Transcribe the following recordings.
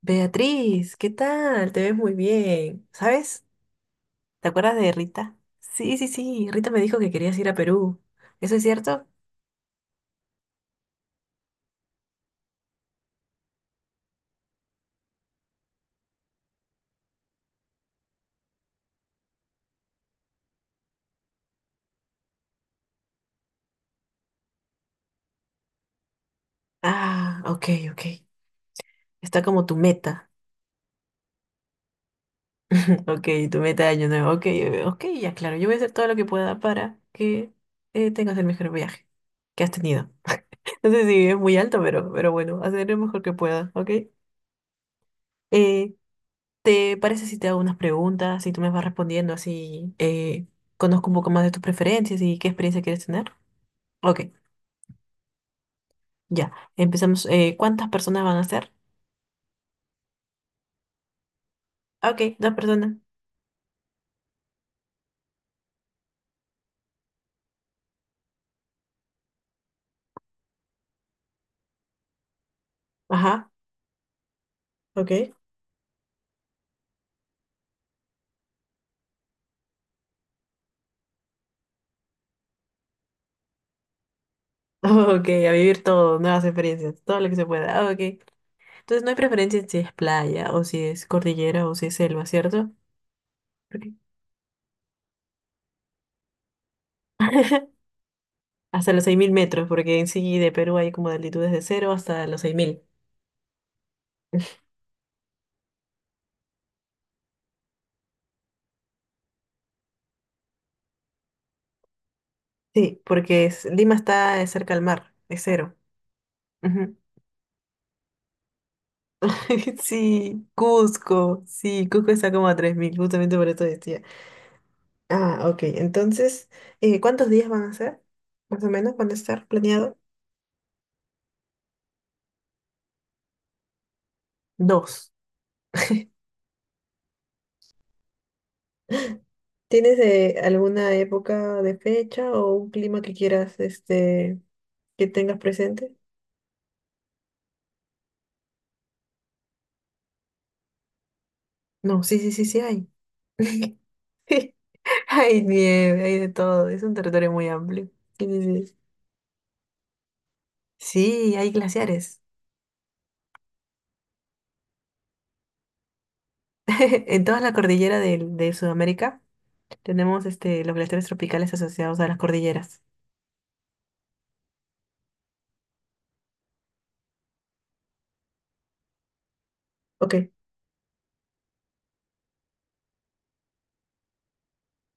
Beatriz, ¿qué tal? Te ves muy bien. ¿Sabes? ¿Te acuerdas de Rita? Sí, sí, sí. Rita me dijo que querías ir a Perú. ¿Eso es cierto? Ah, ok, ok. Está como tu meta. Ok, tu meta de año nuevo. Ok, ok, ya claro. Yo voy a hacer todo lo que pueda para que tengas el mejor viaje que has tenido. No sé si es muy alto, pero bueno, hacer lo mejor que pueda, ¿ok? Eh, ¿te parece si te hago unas preguntas y tú me vas respondiendo así? Conozco un poco más de tus preferencias y qué experiencia quieres tener. Ok, ya. Empezamos. ¿Cuántas personas van a ser? Ok, dos personas. Ajá, ok. Ok, a vivir todo, nuevas experiencias, todo lo que se pueda. Ah, ok. Entonces no hay preferencia si es playa o si es cordillera o si es selva, ¿cierto? Ok. Hasta los 6.000 metros, porque en sí de Perú hay como de altitudes de cero hasta los seis mil. Sí, porque es- Lima está cerca al mar, es cero. Ujú. Sí, Cusco está como a 3.000, justamente por esto decía. Ah, ok. Entonces, ¿cuántos días van a ser? Más o menos, ¿van a estar planeado? Dos. ¿Tienes alguna época de fecha o un clima que quieras, que tengas presente? No, sí, sí, sí, sí hay. Sí, hay nieve, hay de todo. Es un territorio muy amplio. Sí, sí, sí. Sí, hay glaciares. En toda la cordillera de Sudamérica tenemos los glaciares tropicales asociados a las cordilleras. Ok.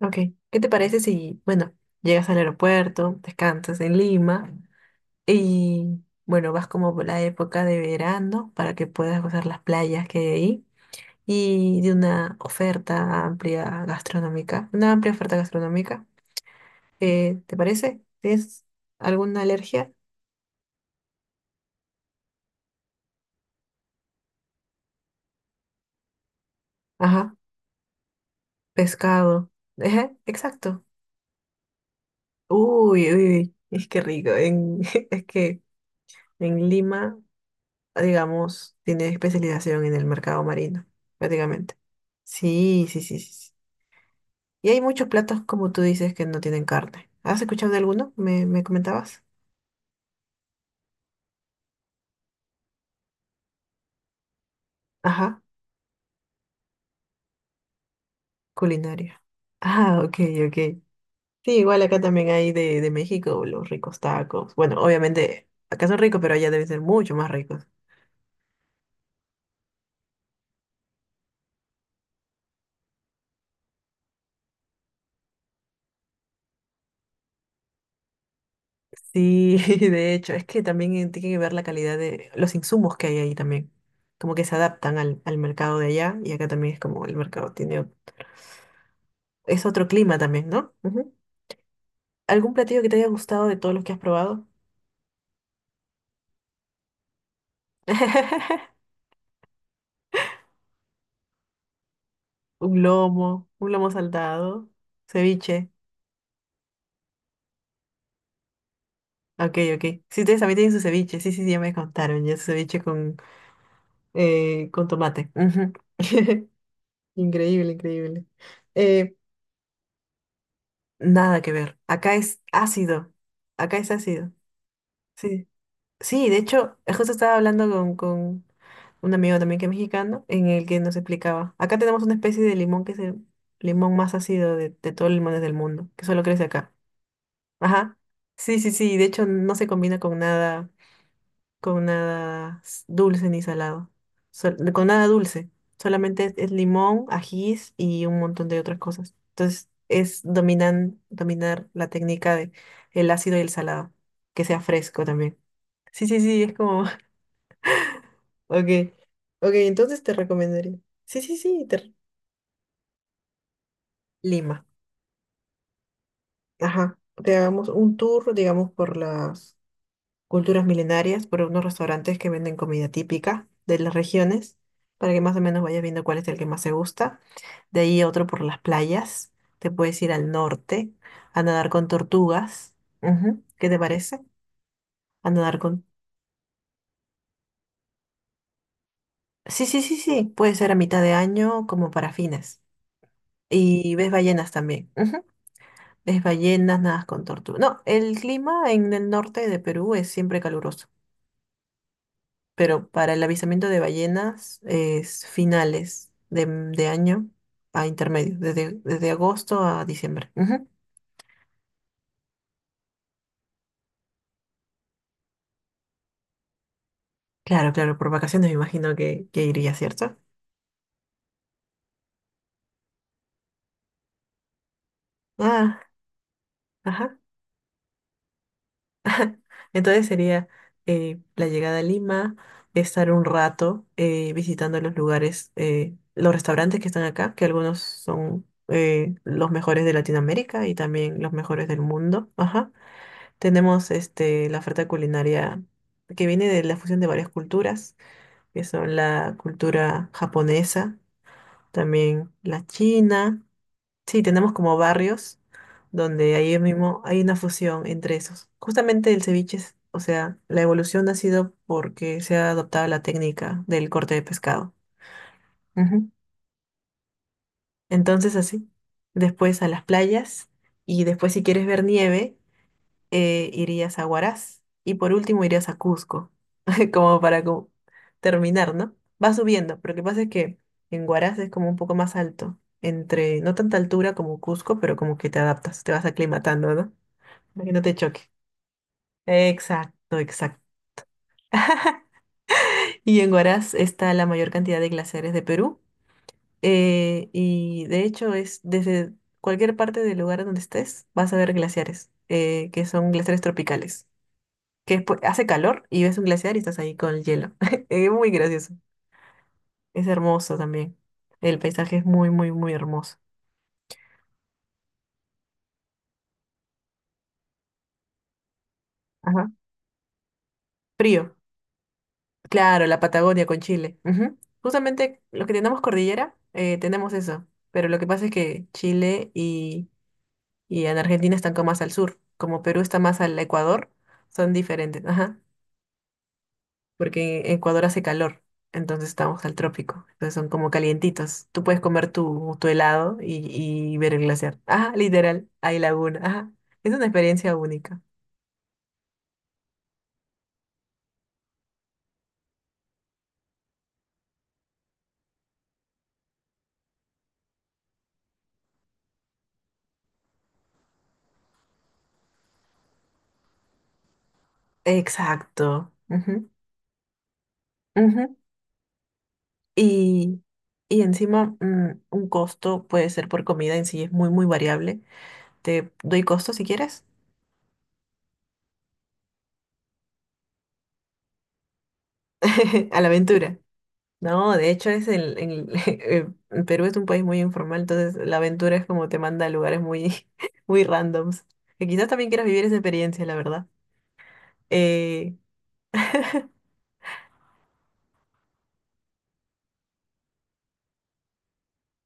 Ok, ¿qué te parece si, bueno, llegas al aeropuerto, descansas en Lima y, bueno, vas como por la época de verano para que puedas gozar las playas que hay ahí y de una oferta amplia gastronómica, una amplia oferta gastronómica? ¿Te parece? ¿Tienes alguna alergia? Ajá, pescado. Ajá, exacto. Uy, uy, uy, es que rico. Es que en Lima digamos, tiene especialización en el mercado marino, prácticamente. Sí, sí, sí, sí. Sí. Y hay muchos platos, como tú dices, que no tienen carne. ¿Has escuchado de alguno? ¿Me comentabas? Ajá, culinaria. Ah, ok, ok. Sí, igual acá también hay de México los ricos tacos. Bueno, obviamente acá son ricos, pero allá deben ser mucho más ricos. Sí, de hecho, es que también tiene que ver la calidad de los insumos que hay ahí también. Como que se adaptan al mercado de allá y acá también es como el mercado tiene es otro clima también, ¿no? Ujú. ¿Algún platillo que te haya gustado de todos los que has probado? Un lomo saltado, ceviche. Ok, ok. Sí, ustedes también tienen su ceviche. Sí, sí, sí, ya me contaron. Ya su ceviche con tomate. Ujú. Increíble, increíble. Eh, nada que ver. Acá es ácido. Acá es ácido. Sí. Sí, de hecho, justo estaba hablando con un amigo también que es mexicano, en el que nos explicaba. Acá tenemos una especie de limón que es el limón más ácido de todos los limones del mundo, que solo crece acá. Ajá. Sí, sí, sí. De hecho, no se combina con nada dulce ni salado. Con nada dulce. Solamente es limón, ajís y un montón de otras cosas. Entonces, es dominar la técnica de el ácido y el salado, que sea fresco también. Sí, sí, sí, es como. Ok, ok, entonces te recomendaría. Sí, sí, sí, Lima. Ajá. Te hagamos un tour, digamos, por las culturas milenarias, por unos restaurantes que venden comida típica de las regiones, para que más o menos vayas viendo cuál es el que más te gusta. De ahí otro por las playas. Te puedes ir al norte a nadar con tortugas. Ujú, ¿qué te parece? A nadar con... Sí, sí, sí, sí. Puede ser a mitad de año como para fines. Y ves ballenas también. Es ballenas, nadas con tortuga. No, el clima en el norte de Perú es siempre caluroso, pero para el avistamiento de ballenas es finales de año a intermedio, desde agosto a diciembre. Ujú. Claro, claro, por vacaciones me imagino que, iría, ¿cierto? Ah, ajá. Entonces sería la llegada a Lima, estar un rato visitando los lugares, los restaurantes que están acá, que algunos son los mejores de Latinoamérica y también los mejores del mundo. Ajá. Tenemos la oferta culinaria que viene de la fusión de varias culturas, que son la cultura japonesa, también la china. Sí, tenemos como barrios donde ahí mismo hay una fusión entre esos. Justamente el ceviche, o sea, la evolución ha sido porque se ha adoptado la técnica del corte de pescado. Ujú. Entonces así, después a las playas y después si quieres ver nieve, irías a Huaraz y por último irías a Cusco, como para como terminar, ¿no? Va subiendo, pero lo que pasa es que en Huaraz es como un poco más alto, entre no tanta altura como Cusco, pero como que te adaptas, te vas aclimatando, ¿no? Para que no te choque. Exacto, exacto. Y en Huaraz está la mayor cantidad de glaciares de Perú. Y de hecho es desde cualquier parte del lugar donde estés, vas a ver glaciares, que son glaciares tropicales. Que después hace calor y ves un glaciar y estás ahí con el hielo. Es muy gracioso. Es hermoso también. El paisaje es muy, muy, muy hermoso. Ajá. Frío. Claro, la Patagonia con Chile. Ujú. Justamente los que tenemos cordillera, tenemos eso. Pero lo que pasa es que Chile y en Argentina están como más al sur. Como Perú está más al Ecuador, son diferentes. Ajá. Porque en Ecuador hace calor, entonces estamos al trópico, entonces son como calientitos. Tú puedes comer tu helado y ver el glaciar. Ajá, literal, hay laguna, ajá. Es una experiencia única. Exacto. Ujú, ujú. Y, y encima, un costo puede ser por comida en sí, es muy, muy variable. Te doy costo si quieres. A la aventura. No, de hecho es el Perú es un país muy informal, entonces la aventura es como te manda a lugares muy, muy randoms. Que quizás también quieras vivir esa experiencia, la verdad. Eh,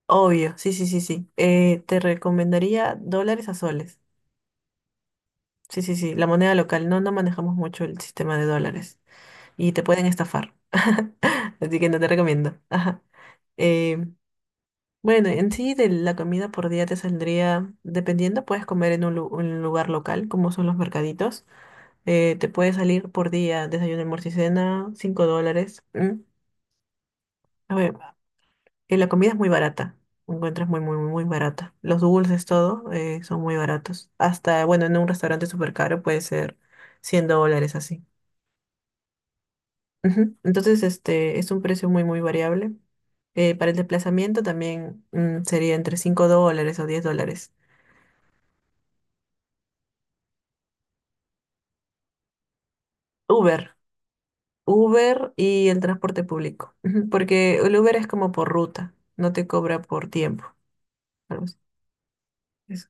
obvio, sí, sí, sí, sí. Te recomendaría dólares a soles. Sí, sí, sí, la moneda local. No, no manejamos mucho el sistema de dólares y te pueden estafar. Así que no te recomiendo. Ajá. Eh, bueno, en sí de la comida por día te saldría, dependiendo, puedes comer en un lugar local, como son los mercaditos. Te puede salir por día, desayuno, almuerzo y cena, $5. ¿M? A ver, la comida es muy barata. Encuentras muy, muy, muy, muy barata. Los dulces, todo, son muy baratos. Hasta, bueno, en un restaurante súper caro puede ser $100 así. Ujú. Entonces, este es un precio muy, muy variable. Para el desplazamiento también sería entre $5 o $10. Uber, Uber y el transporte público. Ujú, porque el Uber es como por ruta, no te cobra por tiempo. Algo así.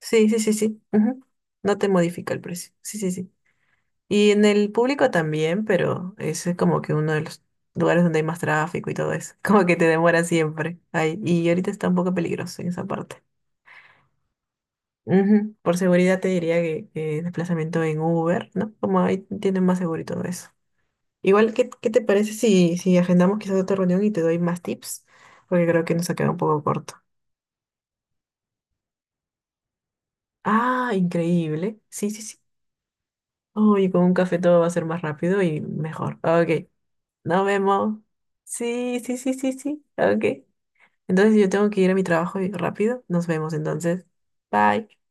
Sí, sí, sí, sí. Ujú. No te modifica el precio. Sí, sí, sí. Y en el público también, pero ese es como que uno de los lugares donde hay más tráfico y todo eso. Como que te demora siempre. Ay, y ahorita está un poco peligroso en esa parte. Ujú. Por seguridad te diría que, desplazamiento en Uber, ¿no? Como ahí tienen más seguro y todo eso. Igual, ¿qué te parece si agendamos quizás otra reunión y te doy más tips? Porque creo que nos ha quedado un poco corto. Ah, increíble. Sí, sí, sí. Uy, con un café todo va a ser más rápido y mejor. Ok, nos vemos. Sí, sí, sí, sí, sí. Ok. Entonces yo tengo que ir a mi trabajo rápido. Nos vemos entonces. Bye.